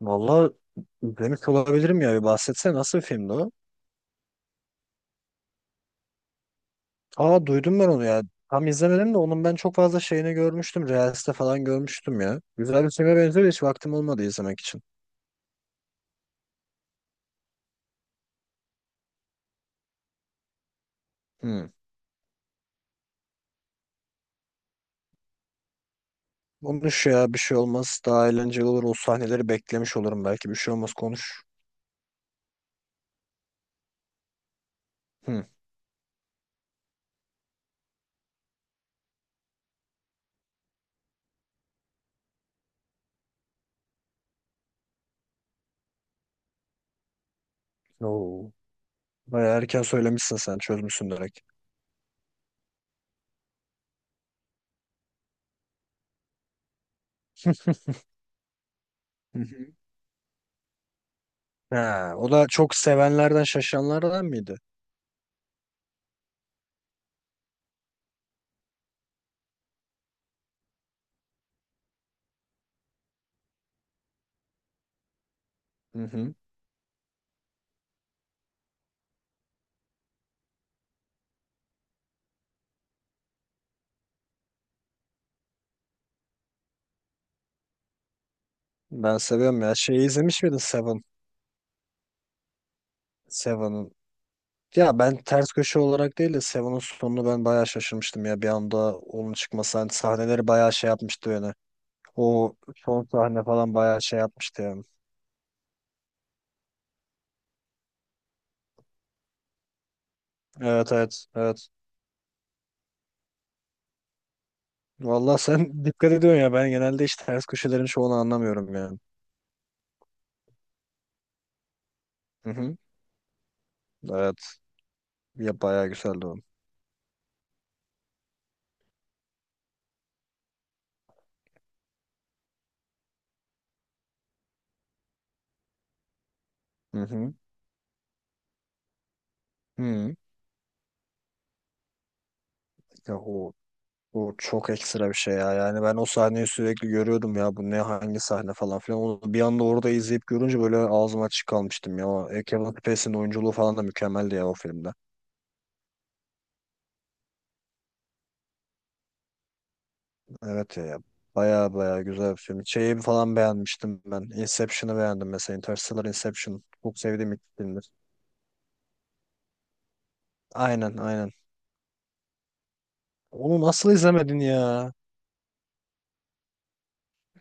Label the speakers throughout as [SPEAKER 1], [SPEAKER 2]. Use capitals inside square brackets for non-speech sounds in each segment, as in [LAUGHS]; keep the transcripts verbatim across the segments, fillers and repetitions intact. [SPEAKER 1] Vallahi demiş olabilirim ya, bir bahsetsene, nasıl bir filmdi o? Aa, duydum ben onu ya. Tam izlemedim de onun ben çok fazla şeyini görmüştüm. Reels'te falan görmüştüm ya. Güzel bir filme benziyor da hiç vaktim olmadı izlemek için. Hmm. Konuş ya, bir şey olmaz. Daha eğlenceli olur. O sahneleri beklemiş olurum belki. Bir şey olmaz, konuş. Hmm. Oo. Bayağı erken söylemişsin sen. Çözmüşsün direkt. Hı hı. [LAUGHS] Ha, o da çok sevenlerden, şaşanlardan mıydı? Hı hı. Ben seviyorum ya. Şeyi izlemiş miydin, Seven? Seven. Ya, ben ters köşe olarak değil de Seven'ın sonunu ben bayağı şaşırmıştım ya, bir anda onun çıkması, hani sahneleri bayağı şey yapmıştı yani. O son sahne falan bayağı şey yapmıştı yani. Evet, evet, evet. Valla sen [LAUGHS] dikkat ediyorsun ya, ben genelde hiç ters köşelerin çoğunu anlamıyorum yani. Hı hı. Evet. Ya, bayağı güzeldi o. Hı hı. Hı. Ya o Bu çok ekstra bir şey ya. Yani ben o sahneyi sürekli görüyordum ya. Bu ne, hangi sahne falan filan. Onu bir anda orada izleyip görünce böyle ağzım açık kalmıştım ya. O e, Kevin Spacey'nin oyunculuğu falan da mükemmeldi ya o filmde. Evet ya. Baya baya güzel bir film. Şeyi falan beğenmiştim ben. Inception'ı beğendim mesela. Interstellar, Inception. Çok sevdiğim ilk filmdir. Aynen, aynen. Onu nasıl izlemedin ya?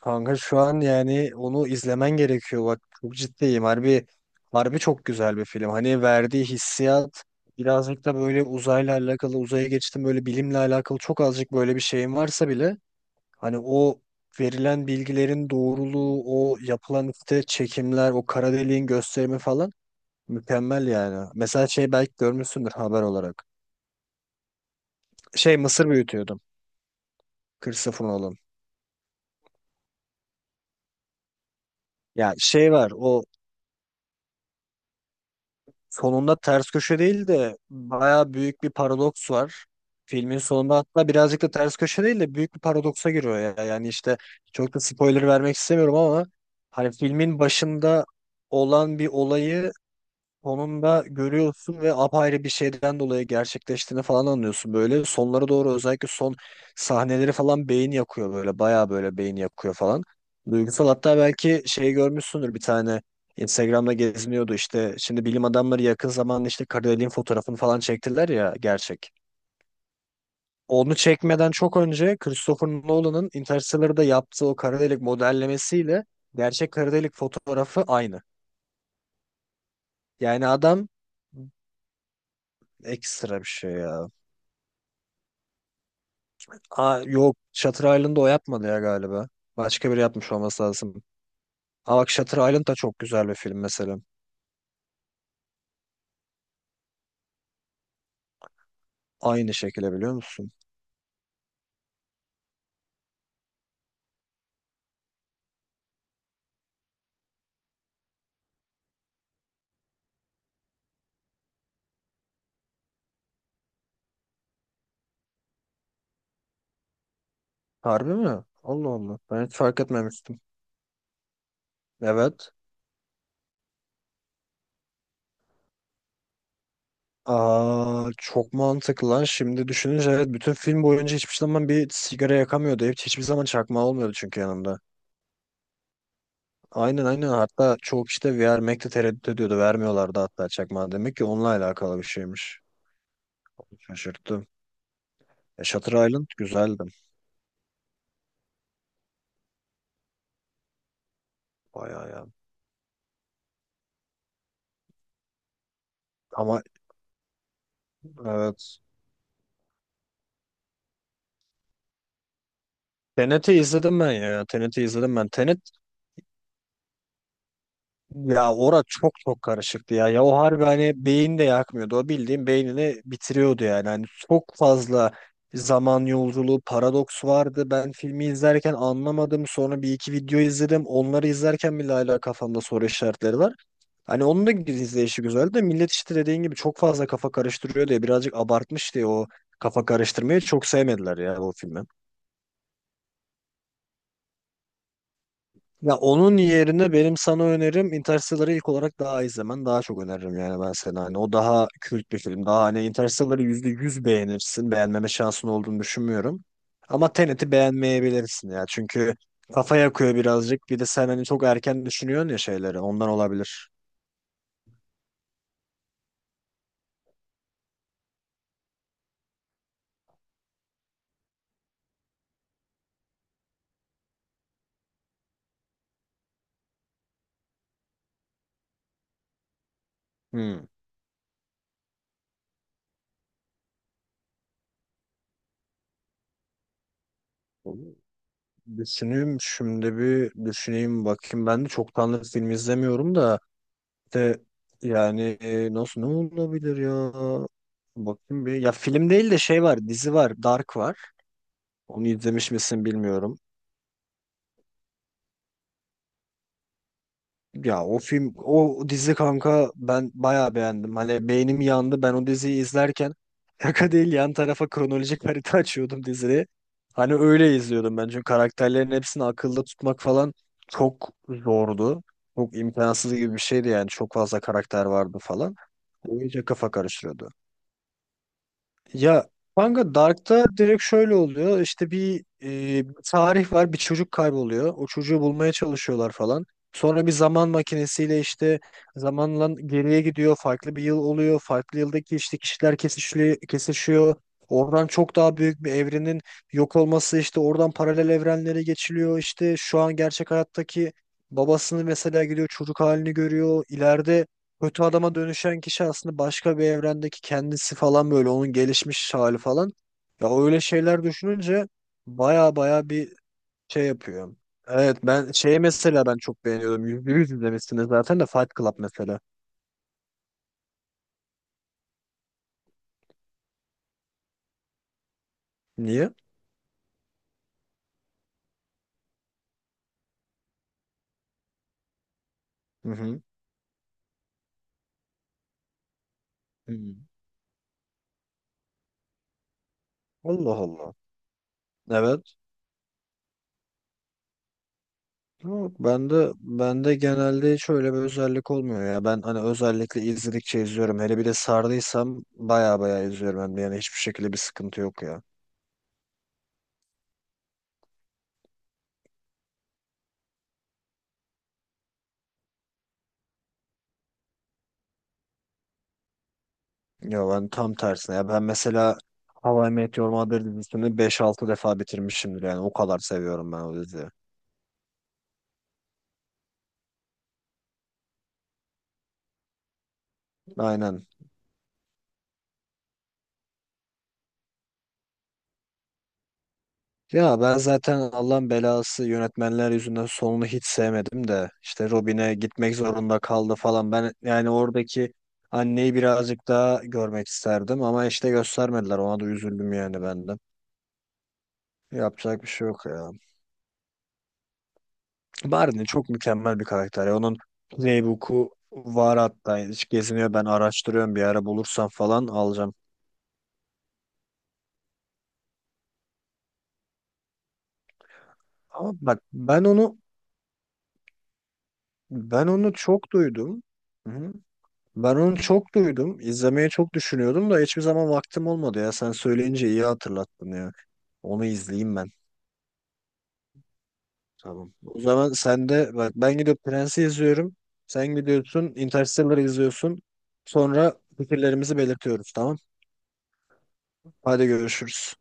[SPEAKER 1] Kanka şu an yani onu izlemen gerekiyor. Bak, çok ciddiyim. Harbi, harbi çok güzel bir film. Hani verdiği hissiyat birazcık da böyle uzayla alakalı, uzaya geçtim, böyle bilimle alakalı çok azıcık böyle bir şeyin varsa bile hani o verilen bilgilerin doğruluğu, o yapılan işte çekimler, o kara deliğin gösterimi falan mükemmel yani. Mesela şey, belki görmüşsündür haber olarak. Şey, mısır büyütüyordum. Christopher Nolan. Ya, şey var o. Sonunda ters köşe değil de bayağı büyük bir paradoks var. Filmin sonunda hatta birazcık da ters köşe değil de büyük bir paradoksa giriyor ya. Yani işte çok da spoiler vermek istemiyorum ama hani filmin başında olan bir olayı sonunda görüyorsun ve apayrı bir şeyden dolayı gerçekleştiğini falan anlıyorsun böyle. Sonlara doğru özellikle son sahneleri falan beyin yakıyor böyle. Bayağı böyle beyin yakıyor falan. Duygusal, hatta belki şey görmüşsündür, bir tane Instagram'da geziniyordu işte. Şimdi bilim adamları yakın zamanda işte kara deliğin fotoğrafını falan çektiler ya, gerçek. Onu çekmeden çok önce Christopher Nolan'ın Interstellar'da yaptığı o kara delik modellemesiyle gerçek kara delik fotoğrafı aynı. Yani adam ekstra bir şey ya. Aa, yok, Shutter Island'ı o yapmadı ya galiba. Başka biri yapmış olması lazım. Aa, bak Shutter Island da çok güzel bir film mesela. Aynı şekilde, biliyor musun? Harbi mi? Allah Allah. Ben hiç fark etmemiştim. Evet. Aa, çok mantıklı lan. Şimdi düşününce evet, bütün film boyunca hiçbir zaman bir sigara yakamıyordu. Hiç, hiçbir zaman çakmağı olmuyordu çünkü yanında. Aynen, aynen, hatta çoğu kişi de vermekte tereddüt ediyordu. Vermiyorlardı hatta çakmağı. Demek ki onunla alakalı bir şeymiş. Şaşırttım. E, Shutter Island güzeldi. Bayağı ya. Ama Evet. Tenet'i izledim ben ya. Tenet'i izledim ben. Tenet ya, ora çok çok karışıktı ya. Ya o harbi hani beyin de yakmıyordu. O bildiğin beynini bitiriyordu yani. Hani çok fazla zaman yolculuğu, paradoks vardı. Ben filmi izlerken anlamadım. Sonra bir iki video izledim. Onları izlerken bile hala kafamda soru işaretleri var. Hani onun da izleyişi güzeldi de millet işte dediğin gibi çok fazla kafa karıştırıyor diye birazcık abartmış diye o kafa karıştırmayı çok sevmediler ya bu filmi. Ya onun yerine benim sana önerim Interstellar'ı ilk olarak daha izlemen. Daha çok öneririm yani ben sana. Hani o daha kült bir film. Daha hani Interstellar'ı yüzde yüz beğenirsin. Beğenmeme şansın olduğunu düşünmüyorum. Ama Tenet'i beğenmeyebilirsin ya. Çünkü kafa yakıyor birazcık. Bir de sen hani çok erken düşünüyorsun ya şeyleri. Ondan olabilir. Hmm. Düşüneyim, şimdi bir düşüneyim bakayım. Ben de çok çoktandır film izlemiyorum da de yani, e, nasıl ne olabilir ya? Bakayım bir. Ya film değil de şey var, dizi var, Dark var. Onu izlemiş misin, bilmiyorum. Ya o film, o dizi kanka, ben bayağı beğendim. Hani beynim yandı. Ben o diziyi izlerken [LAUGHS] şaka değil, yan tarafa kronolojik harita [LAUGHS] açıyordum diziyi. Hani öyle izliyordum ben. Çünkü karakterlerin hepsini akılda tutmak falan çok zordu. Çok imkansız gibi bir şeydi yani. Çok fazla karakter vardı falan. O iyice kafa karıştırıyordu. Ya kanka, Dark'ta direkt şöyle oluyor. İşte bir, e, bir tarih var, bir çocuk kayboluyor. O çocuğu bulmaya çalışıyorlar falan. Sonra bir zaman makinesiyle işte zamanla geriye gidiyor. Farklı bir yıl oluyor. Farklı yıldaki işte kişiler kesişli, kesişiyor. Oradan çok daha büyük bir evrenin yok olması, işte oradan paralel evrenlere geçiliyor. İşte şu an gerçek hayattaki babasını mesela gidiyor çocuk halini görüyor. İleride kötü adama dönüşen kişi aslında başka bir evrendeki kendisi falan, böyle onun gelişmiş hali falan. Ya, öyle şeyler düşününce baya baya bir şey yapıyor. Evet, ben şeyi mesela ben çok beğeniyorum. Yüzde yüz izlemişsiniz zaten de, Fight Club mesela. Niye? Hı hı. Hı. Allah Allah. Evet. Yok, bende bende genelde hiç öyle bir özellik olmuyor ya. Ben hani özellikle izledikçe izliyorum. Hele bir de sardıysam baya baya izliyorum. hem de. Yani hiçbir şekilde bir sıkıntı yok ya. Ya ben tam tersine. Ya ben mesela How I Met Your Mother dizisini beş altı defa bitirmişimdir yani. O kadar seviyorum ben o diziyi. Aynen. Ya, ben zaten Allah'ın belası yönetmenler yüzünden sonunu hiç sevmedim de işte Robin'e gitmek zorunda kaldı falan. Ben yani oradaki anneyi birazcık daha görmek isterdim ama işte göstermediler. Ona da üzüldüm yani ben de. Yapacak bir şey yok ya. Barney çok mükemmel bir karakter. ya. Onun Playbook'u var hatta. Hiç geziniyor. Ben araştırıyorum. Bir ara bulursam falan alacağım. Ama bak, ben onu ben onu çok duydum. Hı. Ben onu çok duydum. İzlemeyi çok düşünüyordum da hiçbir zaman vaktim olmadı ya. Sen söyleyince iyi hatırlattın ya. Onu izleyeyim ben. Tamam. O zaman sen de bak, ben gidip Prens'i izliyorum. Sen gidiyorsun, Interstellar'ı izliyorsun. Sonra fikirlerimizi belirtiyoruz, tamam. Hadi görüşürüz.